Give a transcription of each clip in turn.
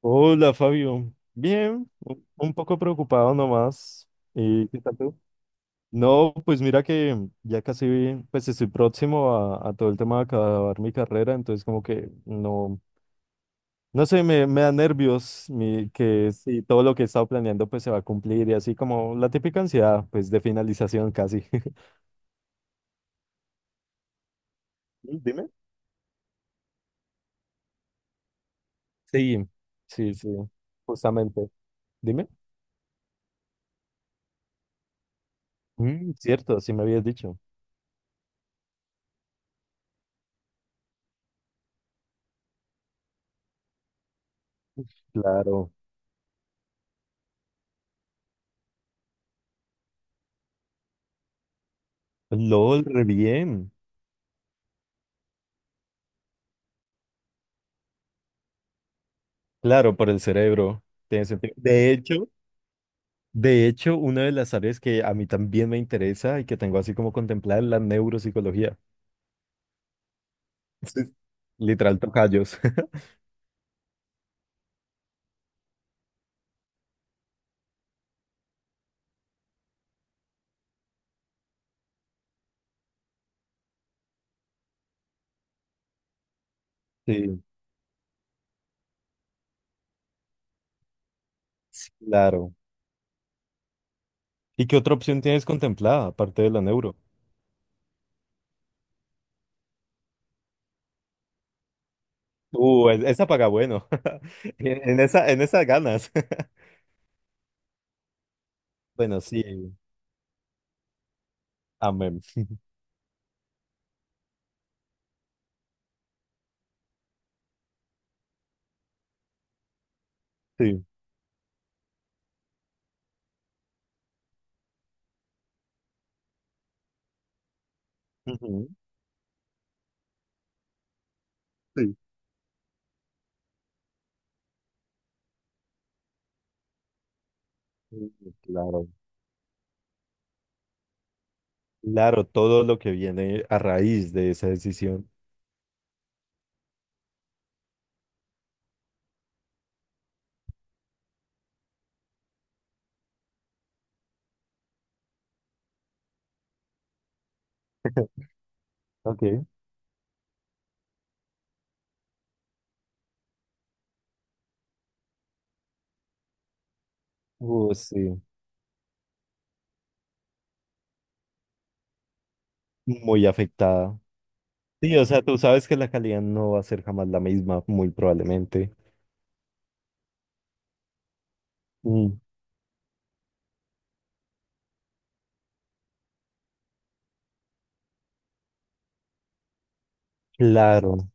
Hola Fabio, bien, un poco preocupado nomás. ¿Y qué tal tú? No, pues mira que ya casi, pues estoy próximo a todo el tema de acabar mi carrera, entonces como que no, no sé, me da nervios que si todo lo que he estado planeando pues se va a cumplir y así como la típica ansiedad pues de finalización casi. Mm. Dime. Sí, sí, sí, justamente. Dime. Cierto, así me habías dicho. Claro. LOL, re bien. Claro, por el cerebro. Tiene sentido. De hecho, una de las áreas que a mí también me interesa y que tengo así como contemplada es la neuropsicología. Sí. Literal tocayos. Sí, claro. ¿Y qué otra opción tienes contemplada aparte de la neuro? Esa paga bueno. En esas ganas. Bueno, sí. Amén. Sí. Ujú, sí. Sí, claro. Claro, todo lo que viene a raíz de esa decisión. Ok. Sí. Muy afectada. Sí, o sea, tú sabes que la calidad no va a ser jamás la misma, muy probablemente. Mm, claro,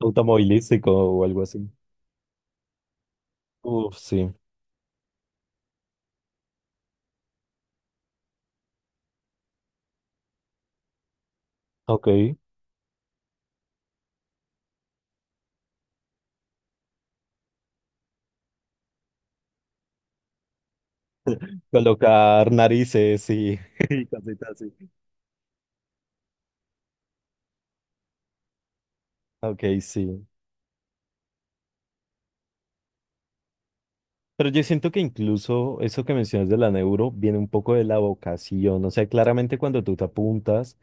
automovilístico o algo así. Uf, sí, ok. Colocar narices y, y cositas así. Ok, sí. Pero yo siento que incluso eso que mencionas de la neuro viene un poco de la vocación. O sea, claramente cuando tú te apuntas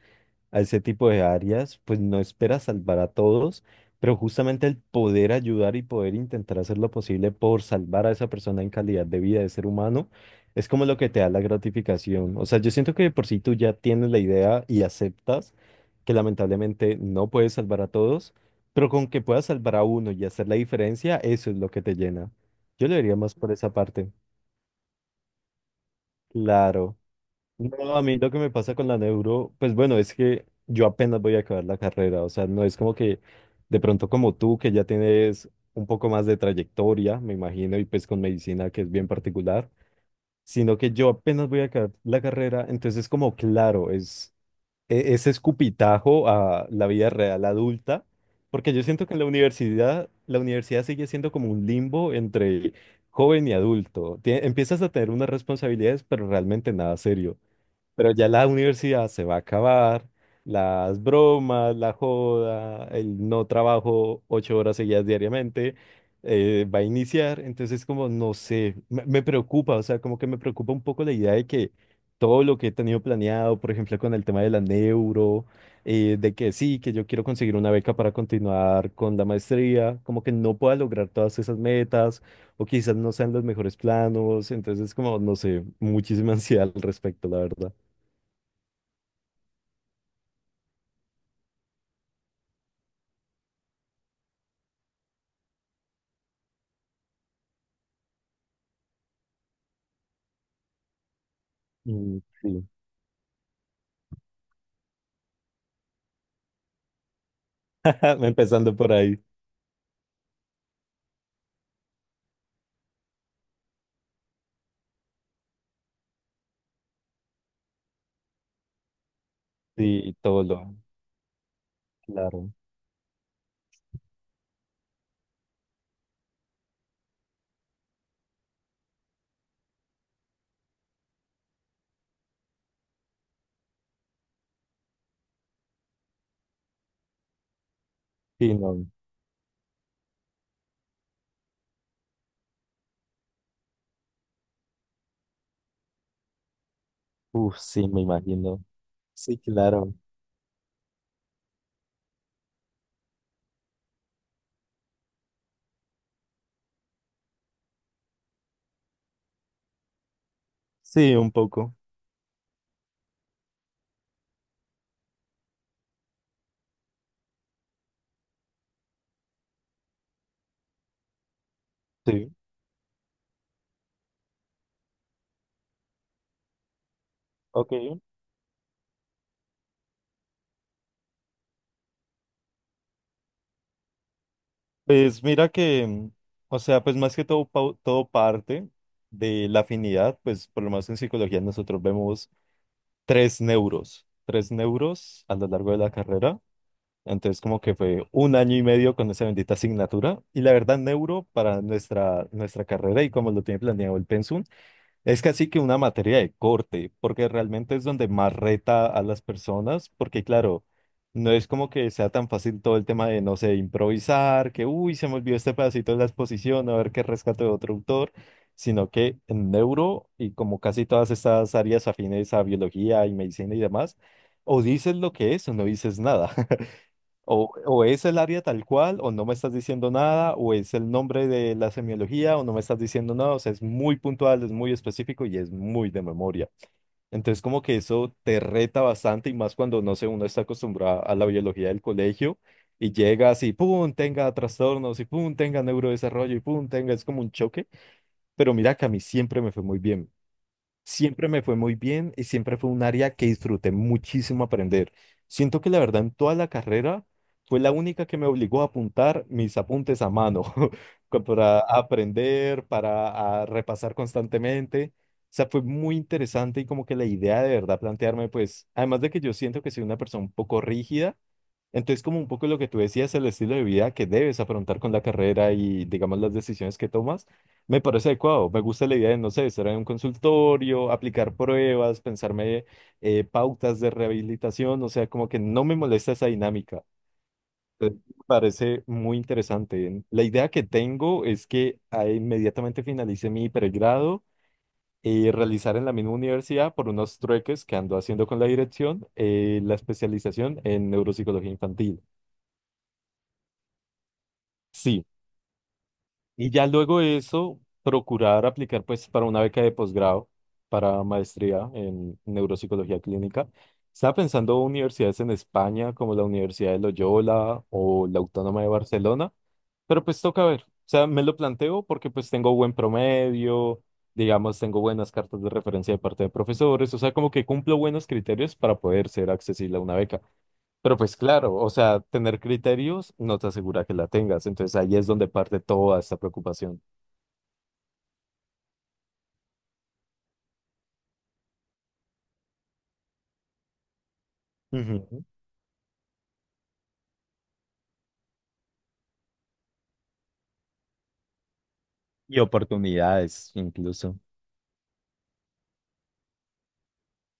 a ese tipo de áreas, pues no espera salvar a todos, pero justamente el poder ayudar y poder intentar hacer lo posible por salvar a esa persona en calidad de vida de ser humano, es como lo que te da la gratificación. O sea, yo siento que de por si tú ya tienes la idea y aceptas que lamentablemente no puedes salvar a todos, pero con que puedas salvar a uno y hacer la diferencia, eso es lo que te llena. Yo lo diría más por esa parte. Claro. No, a mí lo que me pasa con la neuro, pues bueno, es que yo apenas voy a acabar la carrera, o sea, no es como que de pronto como tú, que ya tienes un poco más de trayectoria, me imagino, y pues con medicina que es bien particular, sino que yo apenas voy a acabar la carrera, entonces como claro, es ese escupitajo a la vida real adulta, porque yo siento que en la universidad sigue siendo como un limbo entre joven y adulto. Empiezas a tener unas responsabilidades, pero realmente nada serio. Pero ya la universidad se va a acabar, las bromas, la joda, el no trabajo 8 horas seguidas diariamente, va a iniciar, entonces como no sé, me preocupa, o sea, como que me preocupa un poco la idea de que todo lo que he tenido planeado, por ejemplo, con el tema de la neuro, de que sí, que yo quiero conseguir una beca para continuar con la maestría, como que no pueda lograr todas esas metas o quizás no sean los mejores planos, entonces como, no sé, muchísima ansiedad al respecto, la verdad. Mm, sí. Empezando por ahí, sí, todo lo, claro, sí, no, uf, sí, me imagino, sí, claro, sí, un poco, sí, ok, pues mira que, o sea, pues más que todo, todo parte de la afinidad, pues por lo menos en psicología nosotros vemos tres neuros a lo largo de la carrera, entonces como que fue un año y medio con esa bendita asignatura. Y la verdad, neuro para nuestra, carrera y como lo tiene planeado el pensum. Es casi que una materia de corte, porque realmente es donde más reta a las personas, porque claro, no es como que sea tan fácil todo el tema de, no sé, improvisar, que, uy, se me olvidó este pedacito de la exposición, a ver qué rescato de otro autor, sino que en neuro y como casi todas estas áreas afines a biología y medicina y demás, o dices lo que es o no dices nada. O es el área tal cual, o no me estás diciendo nada, o es el nombre de la semiología, o no me estás diciendo nada. O sea, es muy puntual, es muy específico y es muy de memoria. Entonces, como que eso te reta bastante y más cuando, no sé, uno está acostumbrado a la biología del colegio y llegas y pum, tenga trastornos y pum, tenga neurodesarrollo y pum, tenga, es como un choque. Pero mira que a mí siempre me fue muy bien. Siempre me fue muy bien y siempre fue un área que disfruté muchísimo aprender. Siento que la verdad en toda la carrera fue la única que me obligó a apuntar mis apuntes a mano, para aprender, para a repasar constantemente. O sea, fue muy interesante y como que la idea de verdad plantearme, pues, además de que yo siento que soy una persona un poco rígida, entonces, como un poco lo que tú decías, el estilo de vida que debes afrontar con la carrera y, digamos, las decisiones que tomas, me parece adecuado. Me gusta la idea de, no sé, estar en un consultorio, aplicar pruebas, pensarme, pautas de rehabilitación, o sea, como que no me molesta esa dinámica. Entonces, me parece muy interesante. La idea que tengo es que inmediatamente finalice mi pregrado y realizar en la misma universidad por unos trueques que ando haciendo con la dirección, la especialización en neuropsicología infantil. Sí. Y ya luego de eso, procurar aplicar pues para una beca de posgrado, para maestría en neuropsicología clínica. Estaba pensando universidades en España como la Universidad de Loyola o la Autónoma de Barcelona, pero pues toca ver. O sea, me lo planteo porque pues tengo buen promedio, digamos, tengo buenas cartas de referencia de parte de profesores, o sea, como que cumplo buenos criterios para poder ser accesible a una beca. Pero pues claro, o sea, tener criterios no te asegura que la tengas. Entonces ahí es donde parte toda esta preocupación. Ujú. Y oportunidades incluso.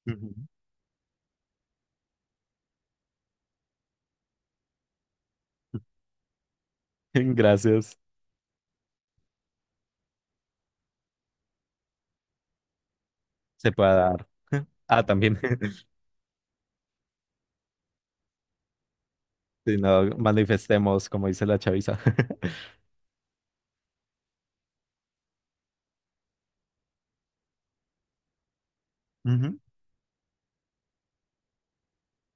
Ujú. Gracias. Se puede dar. Ah, también. Si no, manifestemos, como dice la chaviza. Ujú.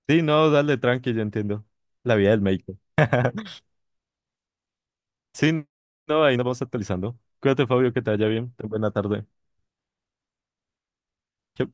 Sí, no, dale tranqui, yo entiendo. La vida del médico. Sí, no, ahí nos vamos actualizando. Cuídate, Fabio, que te vaya bien. Ten buena tarde. Chao.